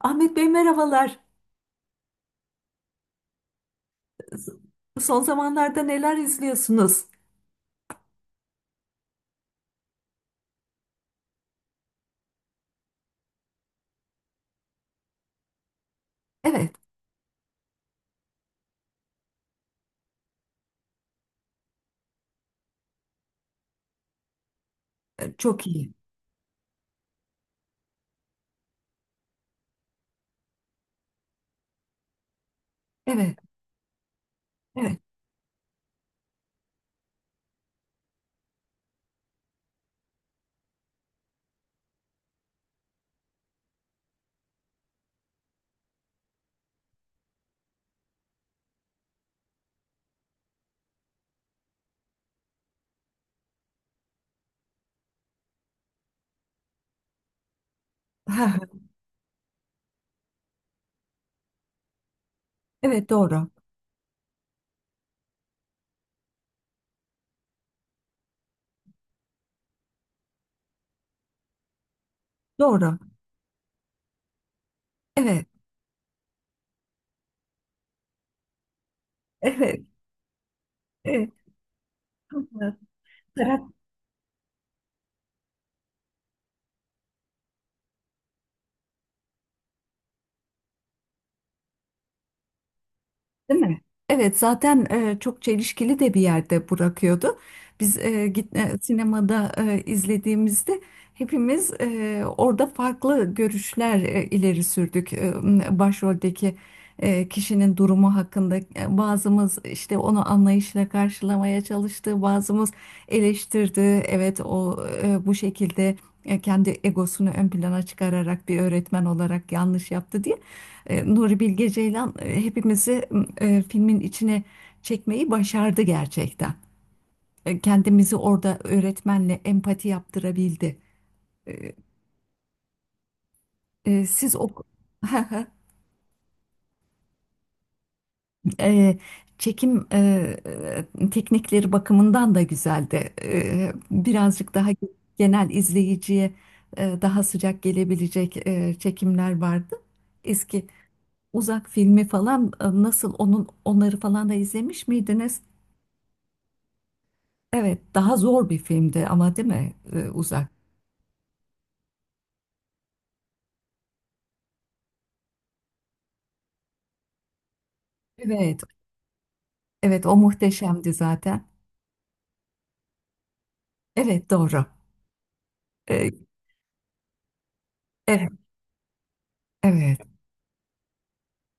Ahmet Bey merhabalar. Son zamanlarda neler izliyorsunuz? Evet, çok iyi. Evet, evet. Ha, ha. Evet, doğru. Doğru. Evet, evet, evet. Değil mi? Evet zaten çok çelişkili de bir yerde bırakıyordu. Biz sinemada izlediğimizde hepimiz orada farklı görüşler ileri sürdük. Başroldeki kişinin durumu hakkında bazımız işte onu anlayışla karşılamaya çalıştı, bazımız eleştirdi. Evet o bu şekilde kendi egosunu ön plana çıkararak bir öğretmen olarak yanlış yaptı diye. Nuri Bilge Ceylan hepimizi filmin içine çekmeyi başardı gerçekten. Kendimizi orada öğretmenle empati yaptırabildi. E, siz o E, çekim teknikleri bakımından da güzeldi. Birazcık daha genel izleyiciye daha sıcak gelebilecek çekimler vardı. Eski uzak filmi falan nasıl onun onları falan da izlemiş miydiniz? Evet, daha zor bir filmdi ama değil mi? Uzak. Evet, evet o muhteşemdi zaten. Evet, doğru. Ee, evet, evet,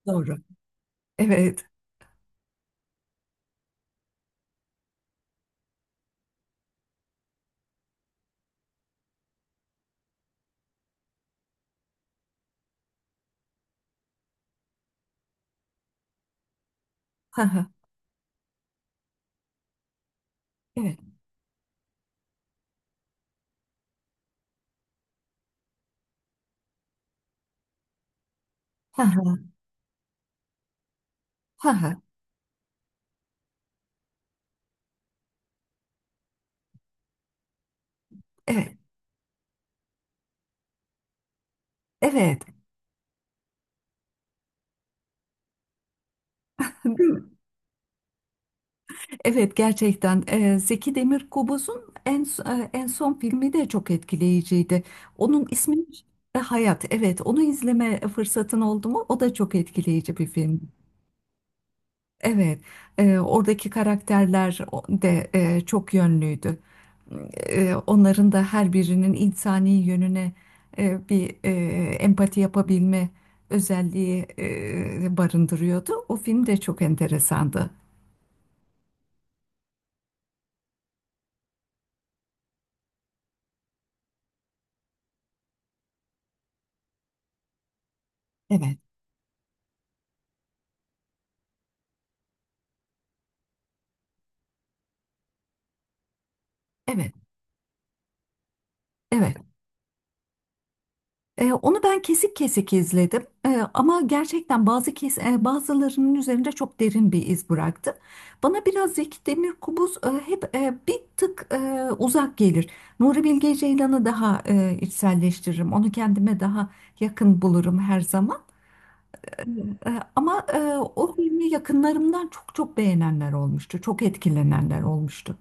doğru. Evet. Ha ha. Evet. Ha ha. Ha ha. Evet. Evet. Değil mi? Evet, gerçekten Zeki Demirkubuz'un en son filmi de çok etkileyiciydi. Onun ismi Hayat. Evet, onu izleme fırsatın oldu mu? O da çok etkileyici bir film. Evet, oradaki karakterler de çok yönlüydü. Onların da her birinin insani yönüne bir empati yapabilme özelliği barındırıyordu. O film de çok enteresandı. Evet. Evet, evet. Onu ben kesik kesik izledim. Ama gerçekten bazılarının üzerinde çok derin bir iz bıraktı. Bana biraz Zeki Demirkubuz hep bir tık uzak gelir. Nuri Bilge Ceylan'ı daha içselleştiririm. Onu kendime daha yakın bulurum her zaman. E, ama o filmi yakınlarımdan çok çok beğenenler olmuştu. Çok etkilenenler olmuştu.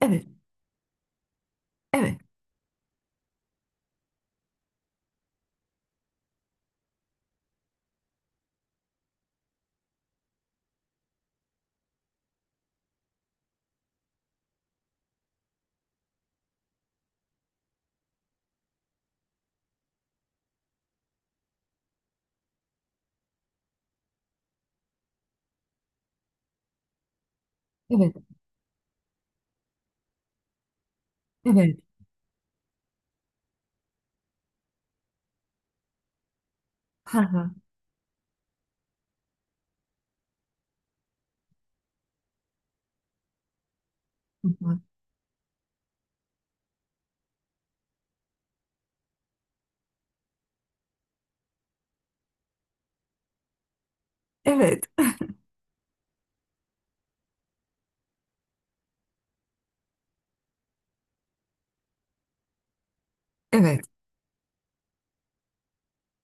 Evet, evet, evet, evet. Ha ha. Ha, ha. Evet, evet,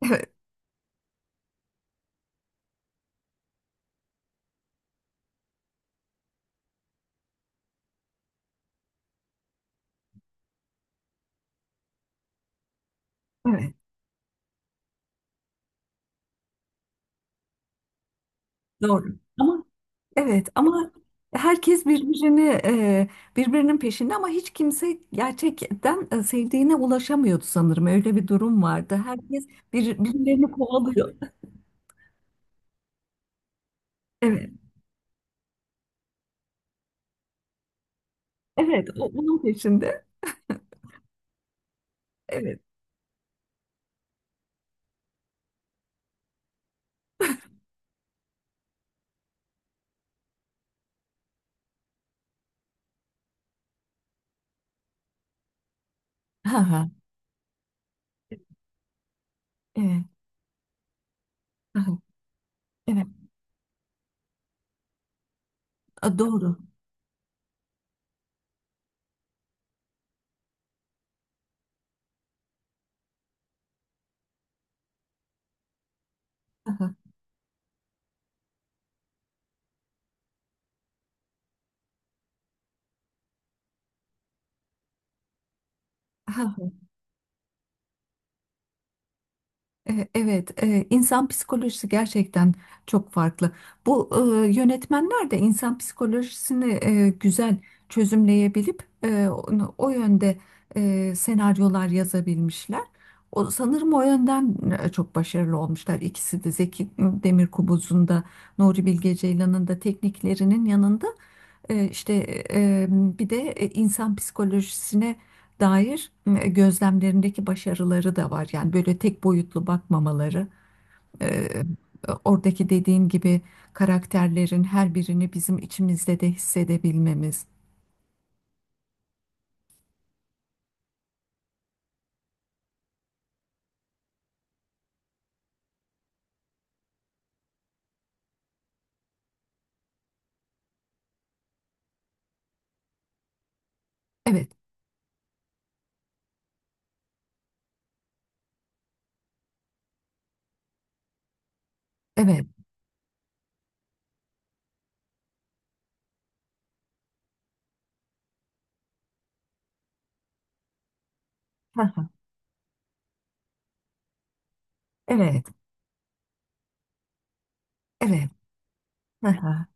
evet, evet. Doğru. Ama, evet, ama herkes birbirini birbirinin peşinde ama hiç kimse gerçekten sevdiğine ulaşamıyordu sanırım. Öyle bir durum vardı. Herkes birbirlerini kovalıyor. Evet. Evet, o onun peşinde. Evet. Ha ha. Evet. Ha, ha. Evet. A, doğru. Ha, ha. Evet, insan psikolojisi gerçekten çok farklı. Bu yönetmenler de insan psikolojisini güzel çözümleyebilip o yönde senaryolar yazabilmişler. O, sanırım o yönden çok başarılı olmuşlar. İkisi de Zeki Demirkubuz'un da Nuri Bilge Ceylan'ın da tekniklerinin yanında işte bir de insan psikolojisine dair gözlemlerindeki başarıları da var. Yani böyle tek boyutlu bakmamaları, e, oradaki dediğin gibi karakterlerin her birini bizim içimizde de hissedebilmemiz. Evet, evet, ha ha, evet, evet, ha ha,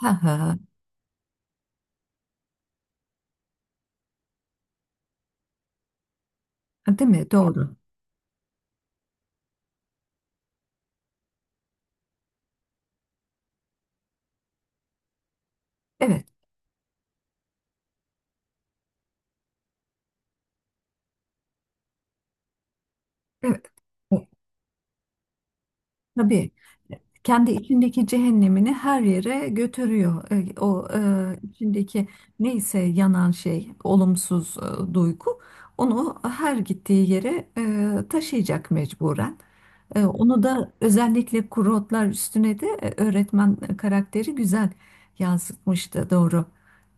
ha ha. Değil mi? Doğru. Evet, evet. Tabii kendi içindeki cehennemini her yere götürüyor. O içindeki neyse yanan şey, olumsuz duygu onu her gittiği yere taşıyacak mecburen. Onu da özellikle kuru otlar üstüne de öğretmen karakteri güzel yansıtmıştı doğru.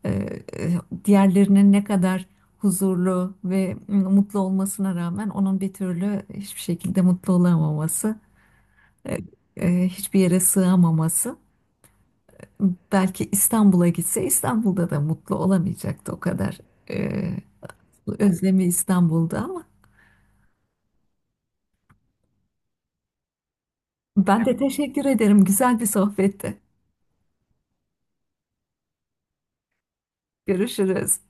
E, e, diğerlerinin ne kadar huzurlu ve mutlu olmasına rağmen onun bir türlü hiçbir şekilde mutlu olamaması e, hiçbir yere sığamaması. Belki İstanbul'a gitse İstanbul'da da mutlu olamayacaktı o kadar. E, Özlemi İstanbul'da ama ben de teşekkür ederim. Güzel bir sohbetti. Görüşürüz.